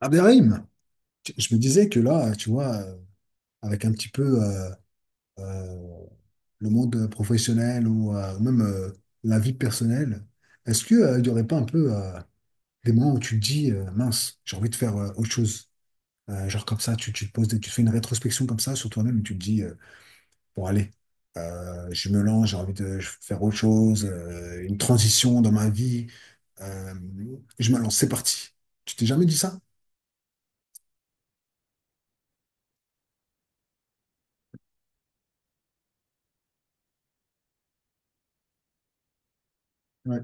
Abderrahim, je me disais que là, tu vois, avec un petit peu euh, le monde professionnel ou même la vie personnelle, est-ce que il n'y aurait pas un peu des moments où tu te dis, mince, j'ai envie de faire autre chose? Genre comme ça, tu te poses, tu fais une rétrospection comme ça sur toi-même et tu te dis, pour aller. Je me lance, j'ai envie de faire autre chose, une transition dans ma vie. Euh, je me lance, c'est parti. Tu t'es jamais dit ça? Ouais.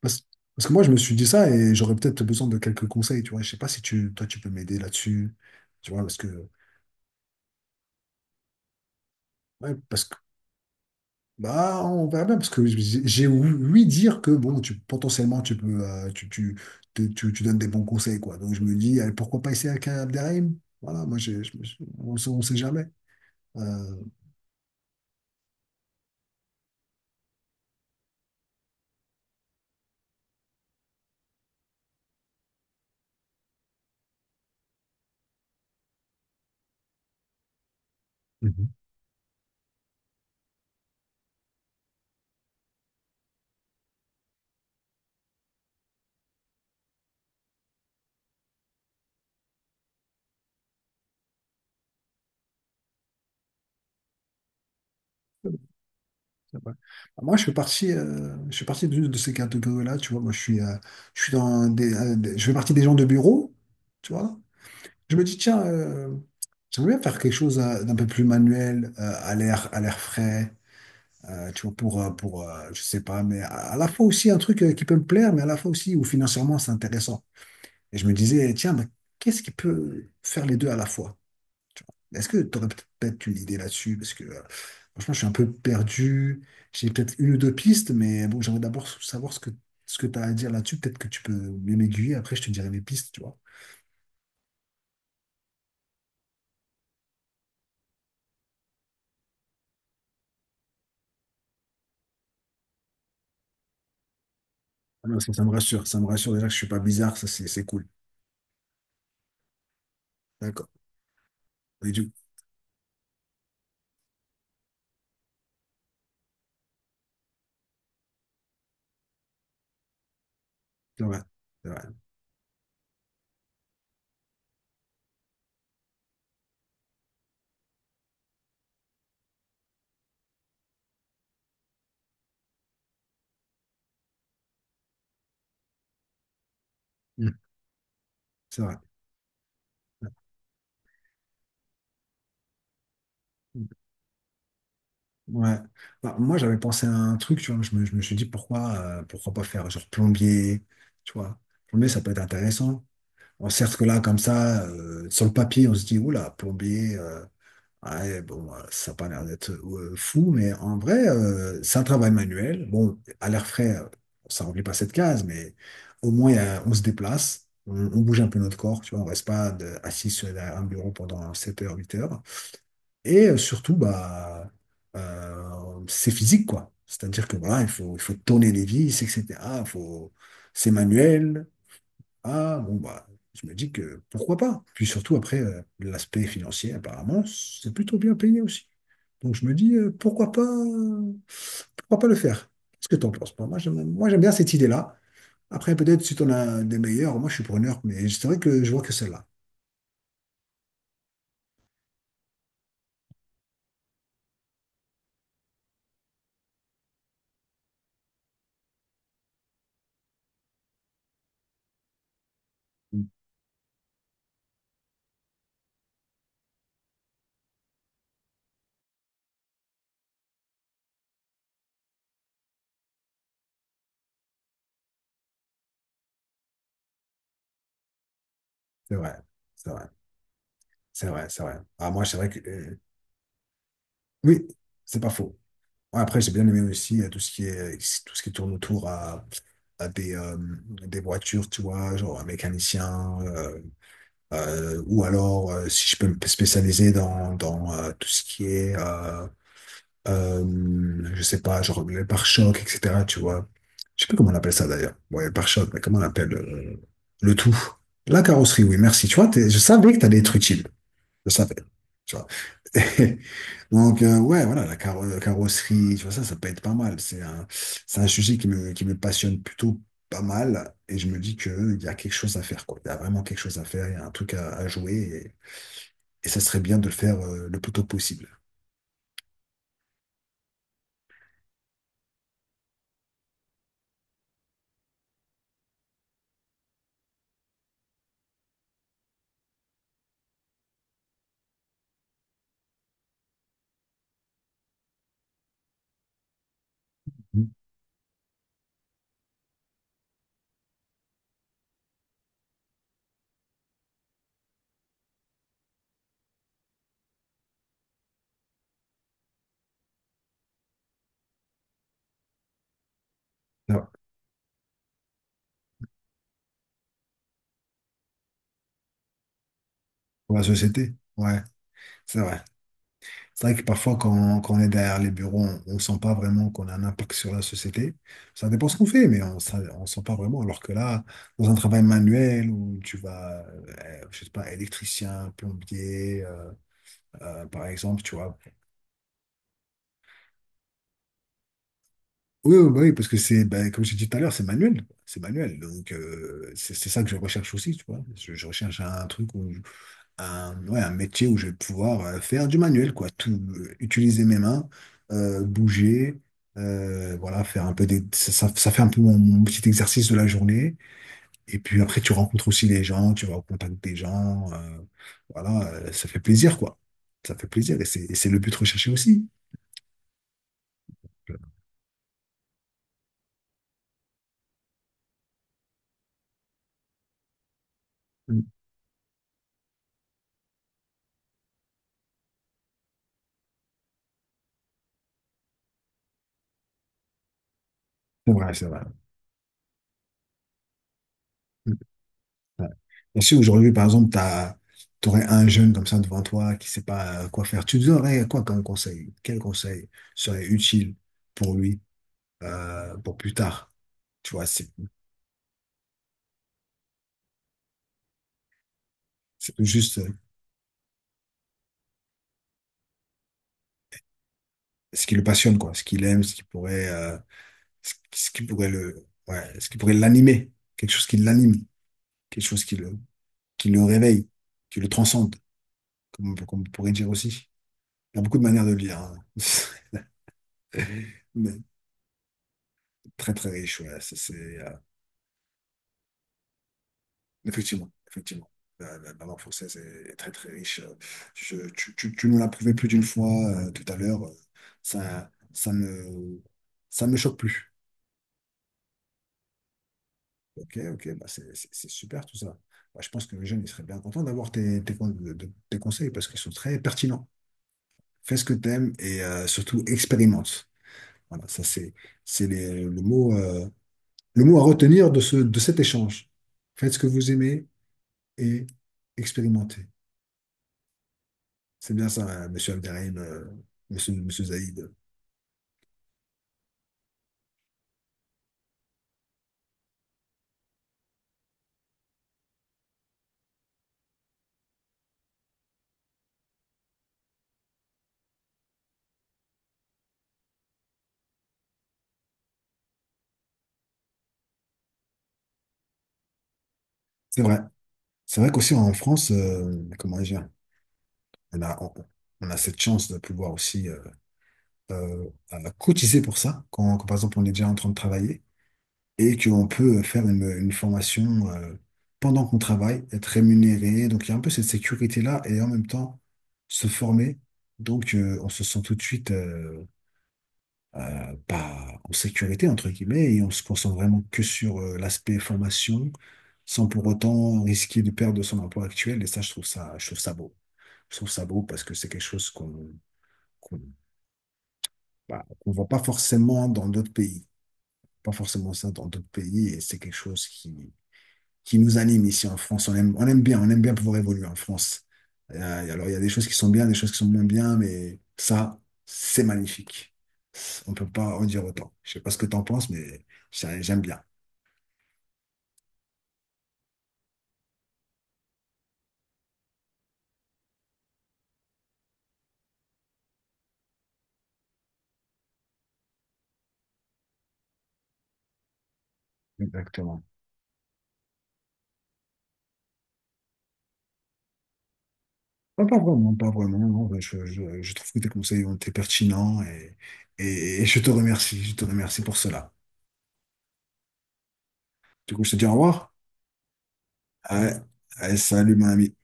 Parce, parce que moi, je me suis dit ça et j'aurais peut-être besoin de quelques conseils, tu vois. Je sais pas si toi, tu peux m'aider là-dessus, tu vois, parce que, ouais, parce bah, on verra bien, parce que j'ai ouï dire que bon, tu, potentiellement, tu peux, tu donnes des bons conseils, quoi. Donc, je me dis, allez, pourquoi pas essayer avec un Abderrahim? Voilà, moi, on ne sait, on sait jamais. Euh, Mhm. C'est vrai. Bah, moi, je fais partie de ces catégories-là, tu vois. Moi, je suis, je fais partie des gens de bureau, tu vois. Je me dis, tiens, j'aimerais bien faire quelque chose d'un peu plus manuel, à l'air frais. Tu vois, pour je sais pas, à la fois aussi un truc qui peut me plaire, mais à la fois aussi où financièrement c'est intéressant. Et je me disais, tiens, mais qu'est-ce qui peut faire les deux à la fois? Est-ce que tu aurais peut-être une idée là-dessus? Parce que franchement, je suis un peu perdu. J'ai peut-être une ou deux pistes, mais bon, j'aimerais d'abord savoir ce que tu as à dire là-dessus. Peut-être que tu peux mieux m'aiguiller. Après, je te dirai mes pistes, tu vois. Ah non, ça me rassure. Ça me rassure déjà que je suis pas bizarre. Ça, c'est cool. D'accord. Et du c'est vrai. C'est vrai. Mm. C'est vrai. Ouais. Bah, moi, j'avais pensé à un truc, tu vois. Je me suis dit pourquoi pas faire genre plombier, tu vois. Plombier, ça peut être intéressant. On certes que là, comme ça, sur le papier, on se dit, oula, plombier, ouais, bon, ça n'a pas l'air d'être fou, mais en vrai, c'est un travail manuel. Bon, à l'air frais, ça remplit pas cette case, mais au moins, on se déplace, on bouge un peu notre corps, tu vois. On reste pas assis sur un bureau pendant 7 heures, 8 heures. Et surtout, bah, c'est physique, quoi. C'est-à-dire que voilà, il faut tourner les vis, etc. Il faut... C'est manuel. Ah, bon, bah, je me dis que pourquoi pas. Puis surtout, après, l'aspect financier, apparemment, c'est plutôt bien payé aussi. Donc je me dis, pourquoi pas le faire? Qu'est-ce que tu en penses? Moi, j'aime bien cette idée-là. Après, peut-être si tu en as des meilleurs, moi, je suis preneur, mais c'est vrai que je vois que celle-là. Mmh. C'est vrai, c'est vrai, c'est vrai. Ah, moi, c'est vrai que oui, c'est pas faux. Après, j'ai bien aimé aussi tout ce qui tourne autour à des voitures, tu vois, genre un mécanicien, ou alors si je peux me spécialiser dans tout ce qui est, je sais pas, genre les pare-chocs, etc., tu vois. Je sais plus comment on appelle ça d'ailleurs. Ouais, les pare-chocs, mais comment on appelle le tout? La carrosserie, oui, merci. Tu vois, je savais que t'allais être utile. Je savais. Tu vois. Donc, ouais, voilà, la carrosserie, tu vois, ça peut être pas mal. C'est un sujet qui me passionne plutôt pas mal. Et je me dis qu'il y a quelque chose à faire, quoi. Il y a vraiment quelque chose à faire, il y a un truc à jouer. Et ça serait bien de le faire le plus tôt possible. Mhm. Ah, pour la société, ouais, c'est vrai. C'est vrai que parfois, quand on est derrière les bureaux, on ne sent pas vraiment qu'on a un impact sur la société. Ça dépend ce qu'on fait, mais on ne sent pas vraiment. Alors que là, dans un travail manuel où tu vas, je sais pas, électricien, plombier, par exemple, tu vois. Oui, oui, bah oui, parce que c'est, bah, comme j'ai dit tout à l'heure, c'est manuel. C'est manuel. Donc, c'est ça que je recherche aussi, tu vois. Je recherche un truc où ouais, un métier où je vais pouvoir faire du manuel, quoi. Tout, utiliser mes mains, bouger, voilà, faire un peu ça fait un peu mon petit exercice de la journée. Et puis après, tu rencontres aussi les gens, tu vas au contact des gens, voilà, ça fait plaisir, quoi. Ça fait plaisir et c'est le but recherché aussi. Mm. C'est vrai, c'est vrai. Ouais. Bien sûr, aujourd'hui, par exemple, t'aurais un jeune comme ça devant toi qui sait pas quoi faire. Tu lui donnerais quoi comme conseil? Quel conseil serait utile pour lui, pour plus tard? Tu vois, c'est juste ce qui le passionne, quoi, ce qu'il aime, ce qui pourrait ouais, ce qui pourrait l'animer, quelque chose qui l'anime, quelque chose qui qui le réveille, qui le transcende, comme on pourrait dire aussi. Il y a beaucoup de manières de lire, hein. Mais très très riche, ouais. Effectivement, effectivement. La langue française est très très riche. Tu nous l'as prouvé plus d'une fois tout à l'heure. Ça, ça ne, ça ne me choque plus. Ok, ok, bah c'est super tout ça. Bah, je pense que les jeunes, ils seraient bien contents d'avoir tes conseils parce qu'ils sont très pertinents. Fais ce que tu aimes et surtout expérimente. Voilà, ça c'est les- le mot à retenir de cet échange. Faites ce que vous aimez et expérimentez. C'est bien ça, monsieur Abderrahim, monsieur Zaïd. C'est vrai. C'est vrai qu'aussi en France, comment dire, on a, on, on a cette chance de pouvoir aussi cotiser pour ça, par exemple on est déjà en train de travailler et qu'on peut faire une formation pendant qu'on travaille, être rémunéré. Donc il y a un peu cette sécurité-là et en même temps se former. Donc on se sent tout de suite pas en sécurité, entre guillemets, et on se concentre vraiment que sur l'aspect formation, sans pour autant risquer de perdre son emploi actuel. Et ça, je trouve ça beau. Je trouve ça beau parce que c'est quelque chose qu'on bah, qu'on voit pas forcément dans d'autres pays. Pas forcément ça dans d'autres pays, et c'est quelque chose qui nous anime ici en France. On aime bien pouvoir évoluer en France. Euh, alors, il y a des choses qui sont bien, des choses qui sont moins bien, mais ça, c'est magnifique. On peut pas en dire autant. Je sais pas ce que tu en penses, mais ça, j'aime bien. Exactement. Pas vraiment, pas vraiment. Non. Enfin, je trouve que tes conseils ont été pertinents et je te remercie. Je te remercie pour cela. Du coup, je te dis au revoir. Ah, ah, salut, mon ami.